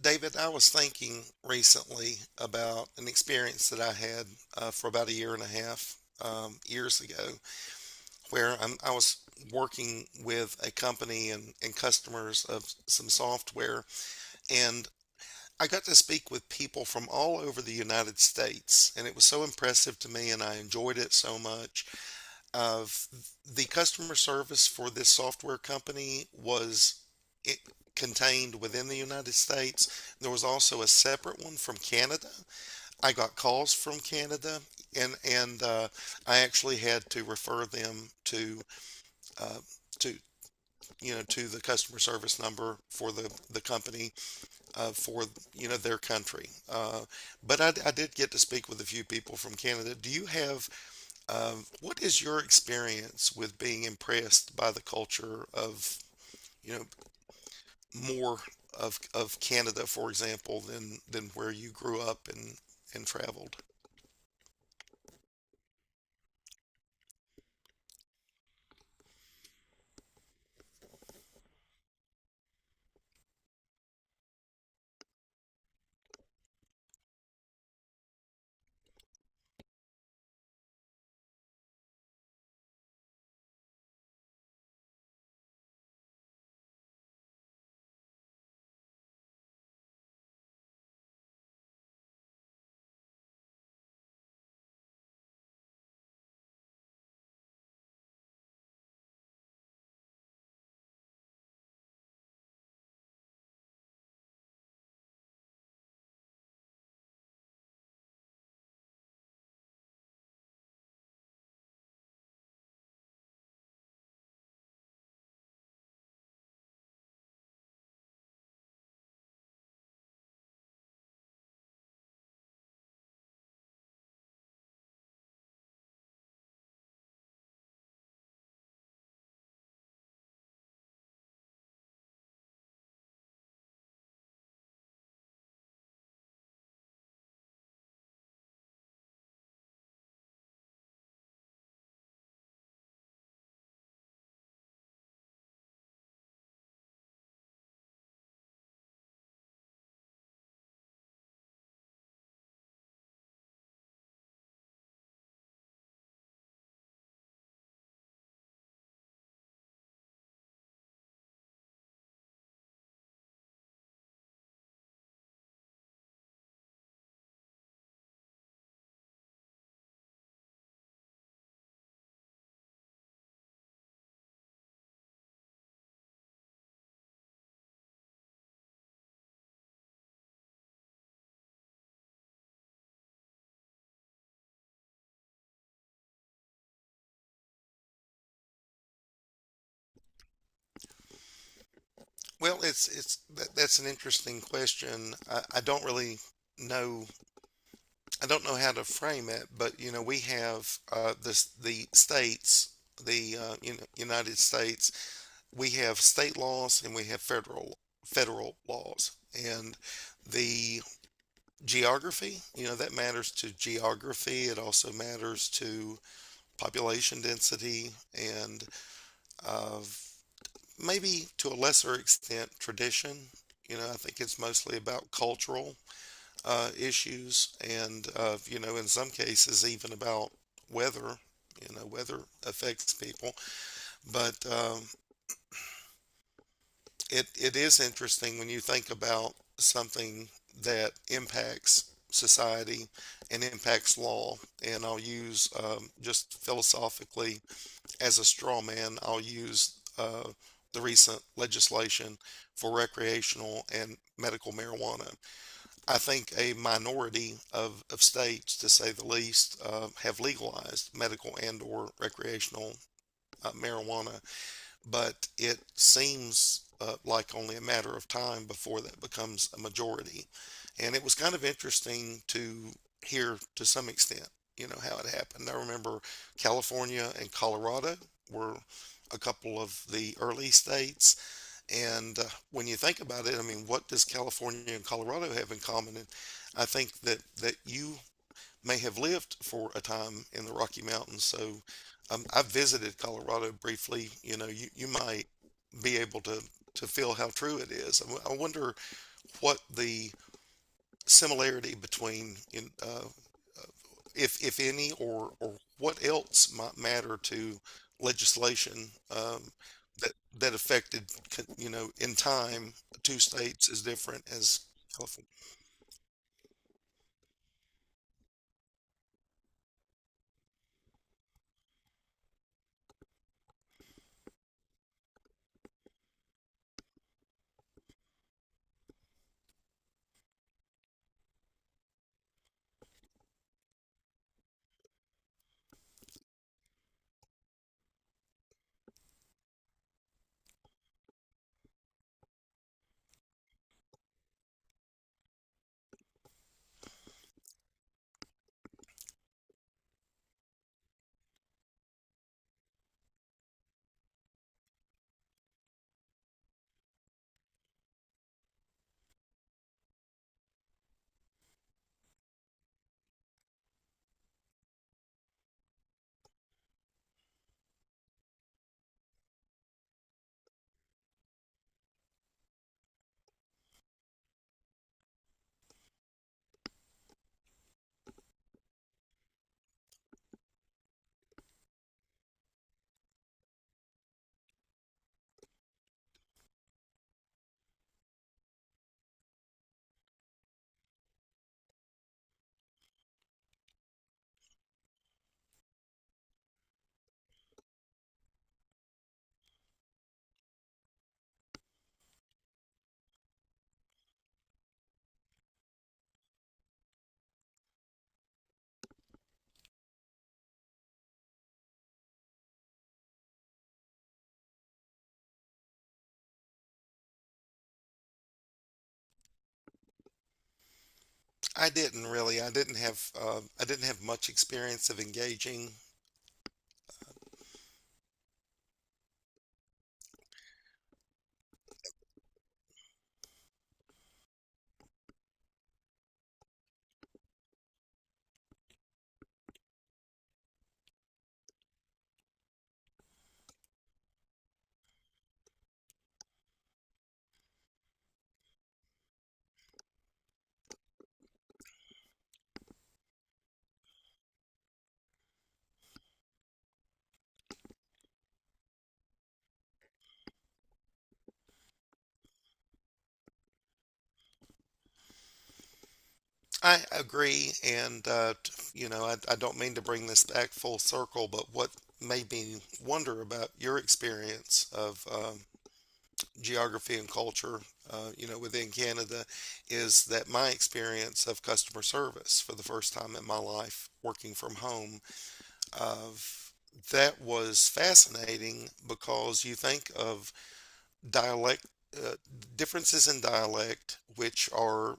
David, I was thinking recently about an experience that I had for about a year and a half years ago, where I was working with a company and customers of some software, and I got to speak with people from all over the United States, and it was so impressive to me, and I enjoyed it so much of the customer service for this software company was it contained within the United States. There was also a separate one from Canada. I got calls from Canada, and I actually had to refer them to. Uh, to to the customer service number for the company for their country. But I did get to speak with a few people from Canada. Do you have what is your experience with being impressed by the culture of, you know, more of Canada, for example, than where you grew up and traveled? Well, it's that's an interesting question. I don't really know. I don't know how to frame it, but you know, we have this the states, the you know, United States. We have state laws and we have federal laws, and the geography. You know, that matters to geography. It also matters to population density and uh, maybe to a lesser extent tradition. You know, I think it's mostly about cultural issues and, you know, in some cases, even about weather. You know, weather affects people. But it is interesting when you think about something that impacts society and impacts law. And I'll use just philosophically, as a straw man, I'll use the recent legislation for recreational and medical marijuana. I think a minority of states, to say the least, have legalized medical and or recreational marijuana, but it seems like only a matter of time before that becomes a majority. And it was kind of interesting to hear, to some extent, you know, how it happened. I remember California and Colorado were a couple of the early states. And when you think about it, I mean, what does California and Colorado have in common? And I think that, that you may have lived for a time in the Rocky Mountains. So I've visited Colorado briefly. You know, you might be able to feel how true it is. I wonder what the similarity between, if any, or what else might matter to legislation, that, that affected, you know, in time, two states as different as California. I didn't really. I didn't have much experience of engaging. I agree, and you know, I don't mean to bring this back full circle, but what made me wonder about your experience of geography and culture, you know, within Canada, is that my experience of customer service for the first time in my life, working from home, of that was fascinating because you think of dialect, uh, differences in dialect, which are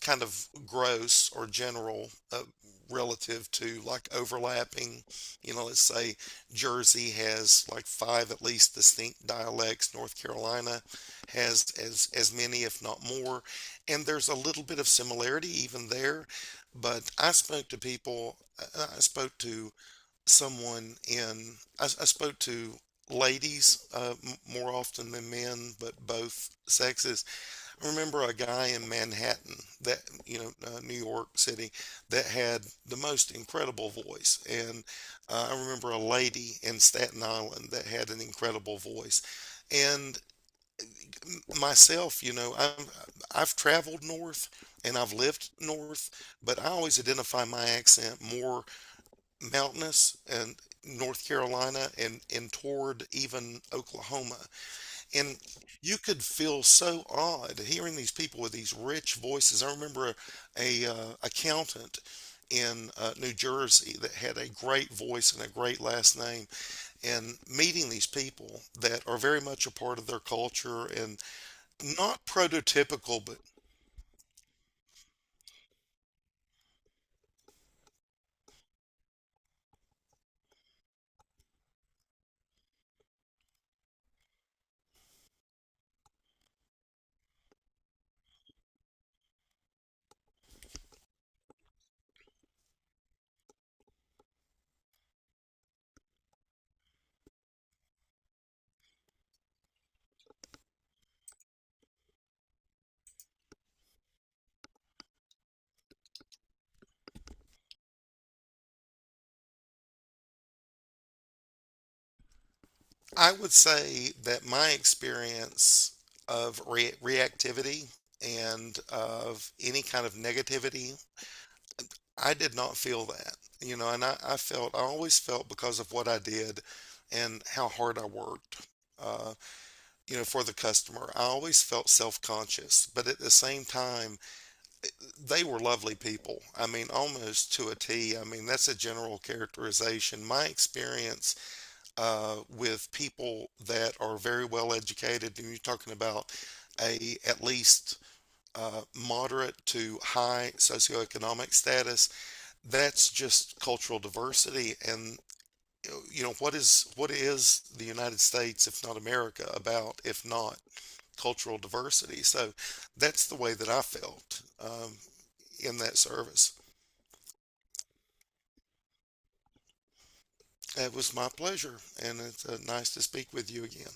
kind of gross or general, relative to like overlapping. You know, let's say Jersey has like five at least distinct dialects. North Carolina has as many, if not more, and there's a little bit of similarity even there. But I spoke to people. I spoke to someone in, I spoke to ladies, more often than men, but both sexes. I remember a guy in Manhattan that, you know, New York City, that had the most incredible voice. And I remember a lady in Staten Island that had an incredible voice. And myself, you know, I've traveled north and I've lived north, but I always identify my accent more mountainous and North Carolina and toward even Oklahoma. And you could feel so odd hearing these people with these rich voices. I remember a accountant in New Jersey that had a great voice and a great last name, and meeting these people that are very much a part of their culture and not prototypical, but I would say that my experience of reactivity and of any kind of negativity, I did not feel that, you know, and I felt, I always felt, because of what I did and how hard I worked, uh, you know, for the customer, I always felt self conscious. But at the same time, they were lovely people. I mean, almost to a T. I mean, that's a general characterization. My experience with people that are very well educated, and you're talking about a at least uh, moderate to high socioeconomic status. That's just cultural diversity, and you know, what is, what is the United States, if not America, about if not cultural diversity? So that's the way that I felt, in that service. It was my pleasure, and it's nice to speak with you again.